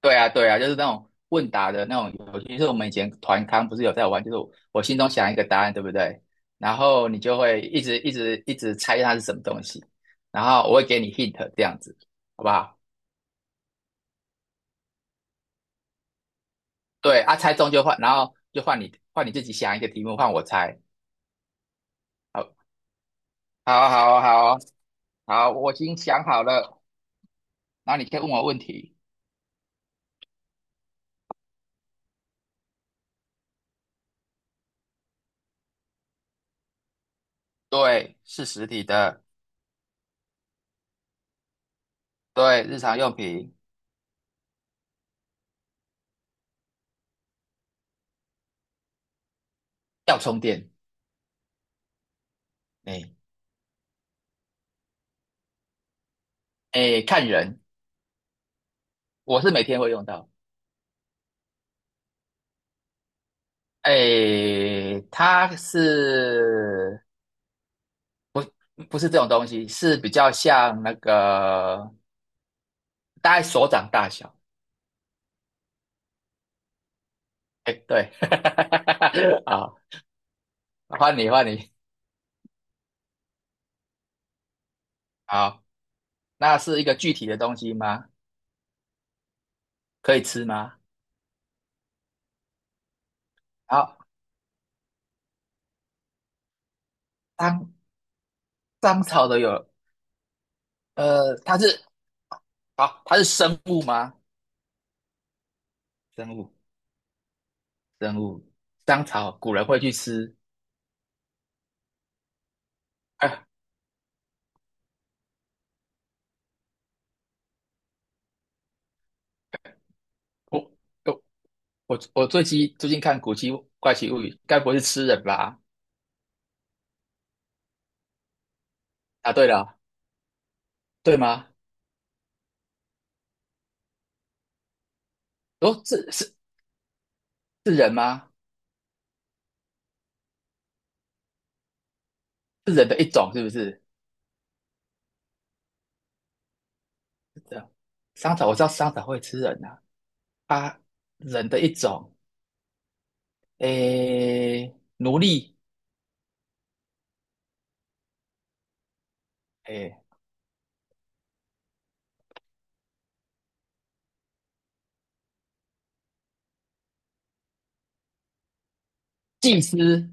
对啊，对啊，就是那种问答的那种游戏，就是我们以前团康不是有在玩，就是我心中想一个答案，对不对？然后你就会一直猜它是什么东西，然后我会给你 hint 这样子，好不好？对啊，猜中就换，然后就换你自己想一个题目，换我猜。好，好，好，好，好，我已经想好了，然后你可以问我问题。对，是实体的。对，日常用品要充电。哎哎，看人，我是每天会用到。诶，它是不是这种东西？是比较像那个大概手掌大小。哎，对，好，换你，换你。好，那是一个具体的东西吗？可以吃吗？好，当草的有。呃，它是好，它是生物吗？生物，生物，当草古人会去吃。哎，我我我我最近看怪奇物语》，该不会是吃人吧？啊，对了。对吗？哦，这是是人吗？是人的一种是不是？是这样，香草我知道香草会吃人呐、啊，啊，人的一种。诶，奴隶。诶，祭司。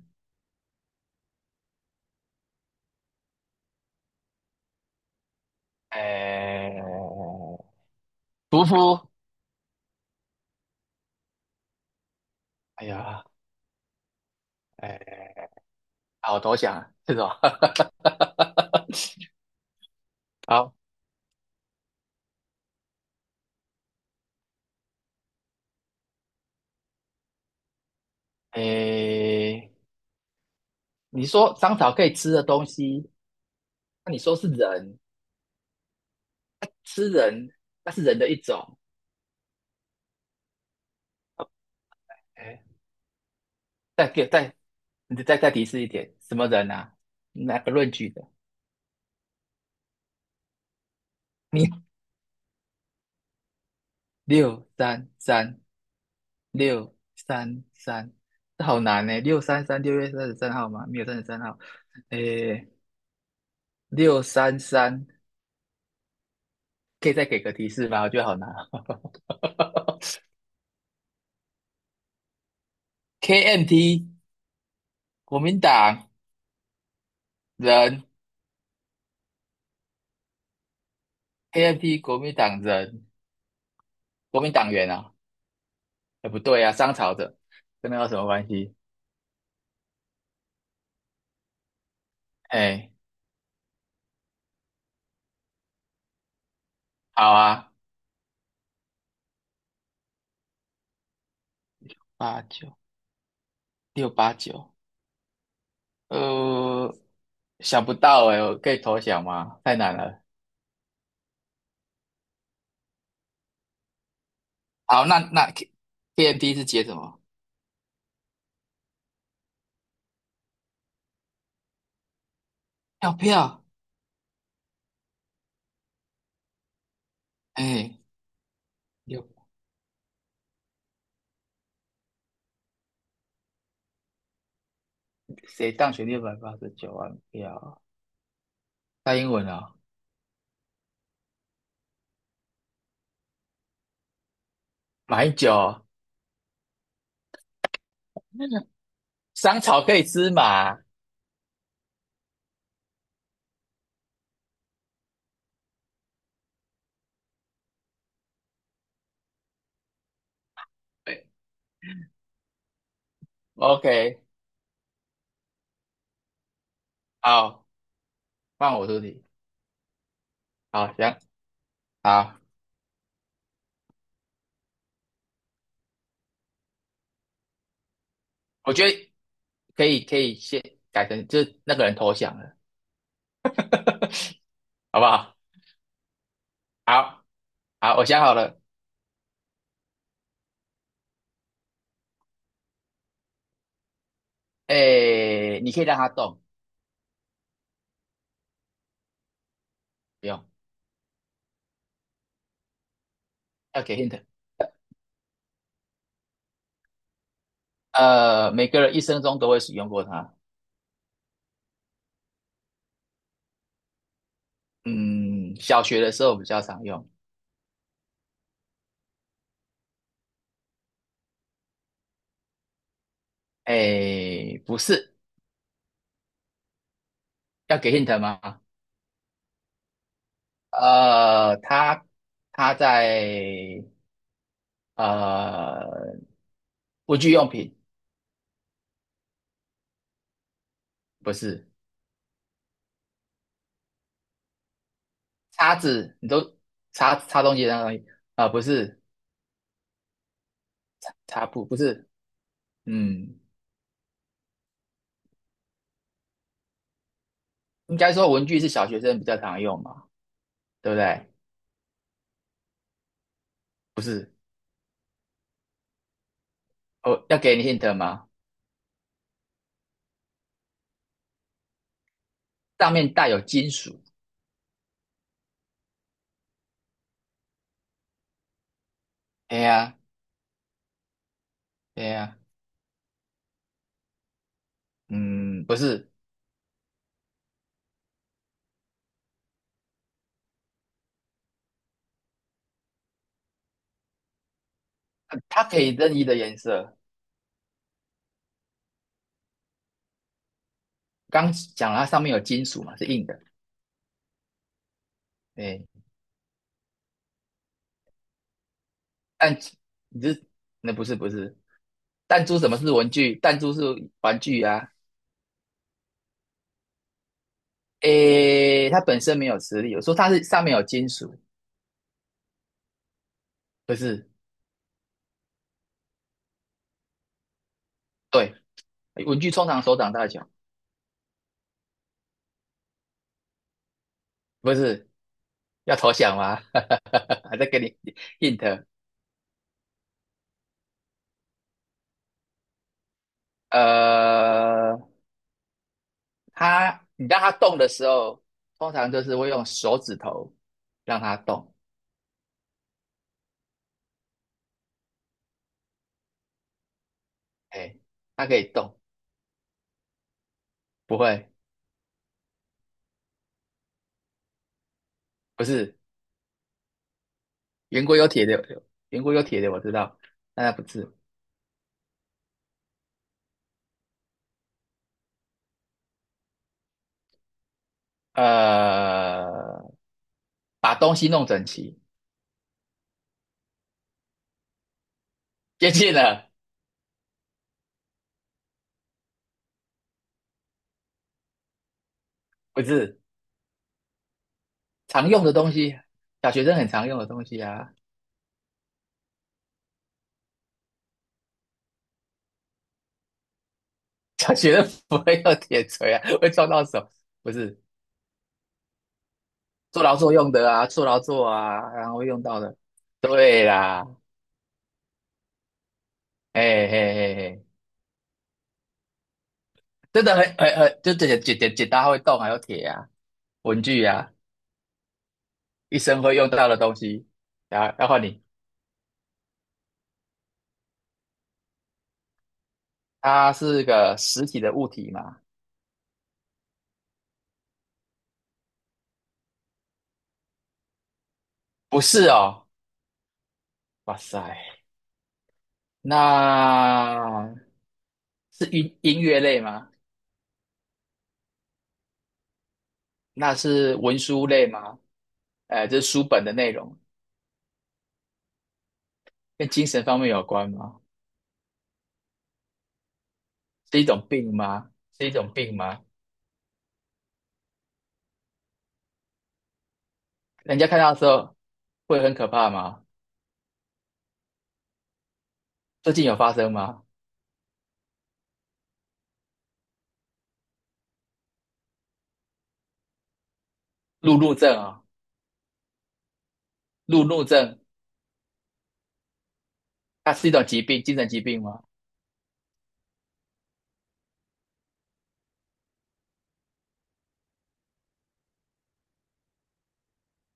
诶，屠夫。哎呀，诶，好投降啊，这种。好，诶，你说香草可以吃的东西，那你说是人，那吃人，那是人的一种。诶，再给再你再提示一点，什么人啊？哪个论据的？你六三三，六三三，这好难呢。六三三，六月三十三号吗？没有三十三号。诶，六三三，可以再给个提示吗？我觉得好难哦。KMT， 国民党人，KMT 国民党人，国民党员啊？哎，不对啊，商朝的，跟那有什么关系？哎，好啊，八九六八九，呃，想不到哎，我可以投降吗？太难了。好，那那 K， k m d 是解什么？票票，哎，六，谁当选689万票？大英文啊、马英九哦，香草可以吃嘛？对， o k 好，换我出题，好，行，好，我觉得可以，可以先改成就是那个人投降了，好不好？好，好，我想好了，哎，你可以让他动。不用。要给 hint。每个人一生中都会使用过它。嗯，小学的时候比较常用。哎，不是。要给 hint 吗？呃，它它在呃文具用品。不是叉子。你都擦东西的那个东西啊、呃不是，擦布，不是。嗯，应该说文具是小学生比较常用嘛，对不对？不是。哦，要给你 hint 吗？上面带有金属。哎呀，哎呀，嗯，不是。它可以任意的颜色。刚讲了它上面有金属嘛，是硬的。哎，弹珠，你是那不是不是弹珠？什么是文具？弹珠是玩具啊。诶，它本身没有磁力，我说它是上面有金属。不是？对，文具通常手掌大小。不是？要投降吗？还在给你 hint。呃，它你让它动的时候，通常就是会用手指头让它动。诶，它可以动，不会？不是？圆规有铁的，圆规有铁的，我知道，但它不是。呃，把东西弄整齐。接近了。不是，常用的东西，小学生很常用的东西啊。小学生不会用铁锤啊，会撞到手，不是。做劳作用的啊，做劳作啊，然后会用到的。对啦，嘿嘿嘿嘿，真的很，就剪刀会动，还有铁啊，文具啊，一生会用到的东西。然后你，它是个实体的物体嘛？不是哦，哇塞。那是音乐类吗？那是文书类吗？这是书本的内容。跟精神方面有关吗？是一种病吗？是一种病吗？人家看到的时候会很可怕吗？最近有发生吗？路怒症啊、路怒症，它是一种疾病，精神疾病吗？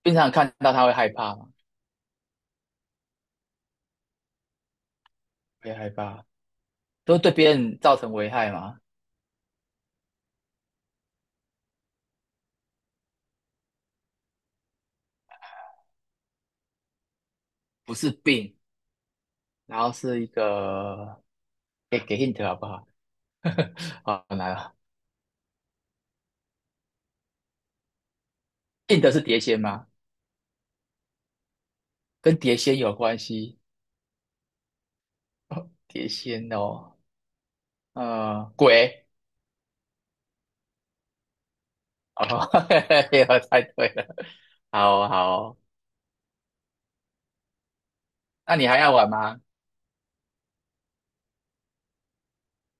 经常看到他会害怕吗？会害怕，都对别人造成危害吗？不是病，然后是一个，给给 hint 好不好？好难啊。硬的是碟仙吗？跟碟仙有关系？碟仙哦，鬼哦，嘿我猜对了，好哦好哦。那你还要玩吗？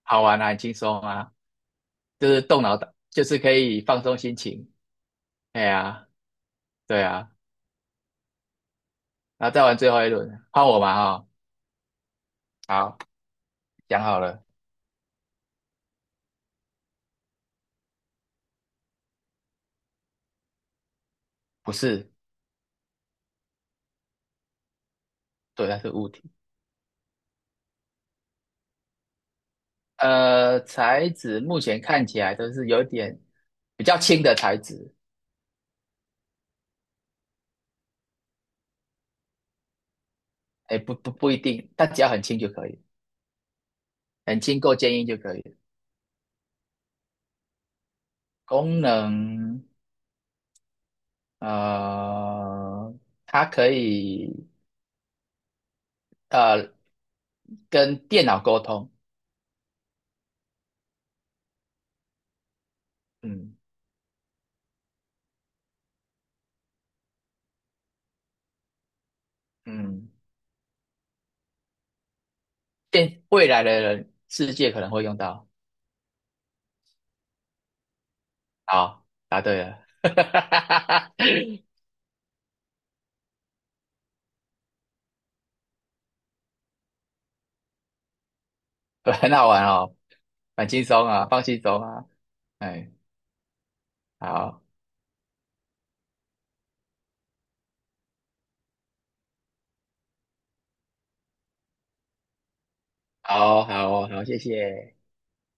好玩啊，很轻松啊，就是动脑的，就是可以放松心情。哎呀，对啊，然后再玩最后一轮，换我嘛哈、好，讲好了。不是。对，它是物体。材质目前看起来都是有点比较轻的材质。哎，不一定，但只要很轻就可以。很轻够坚硬就可以。功能，呃，它可以呃跟电脑沟通。嗯，嗯，电未来的人世界可能会用到。好，答对了。很好玩哦，蛮轻松啊，放轻松啊。哎，好，好，好，好，谢谢。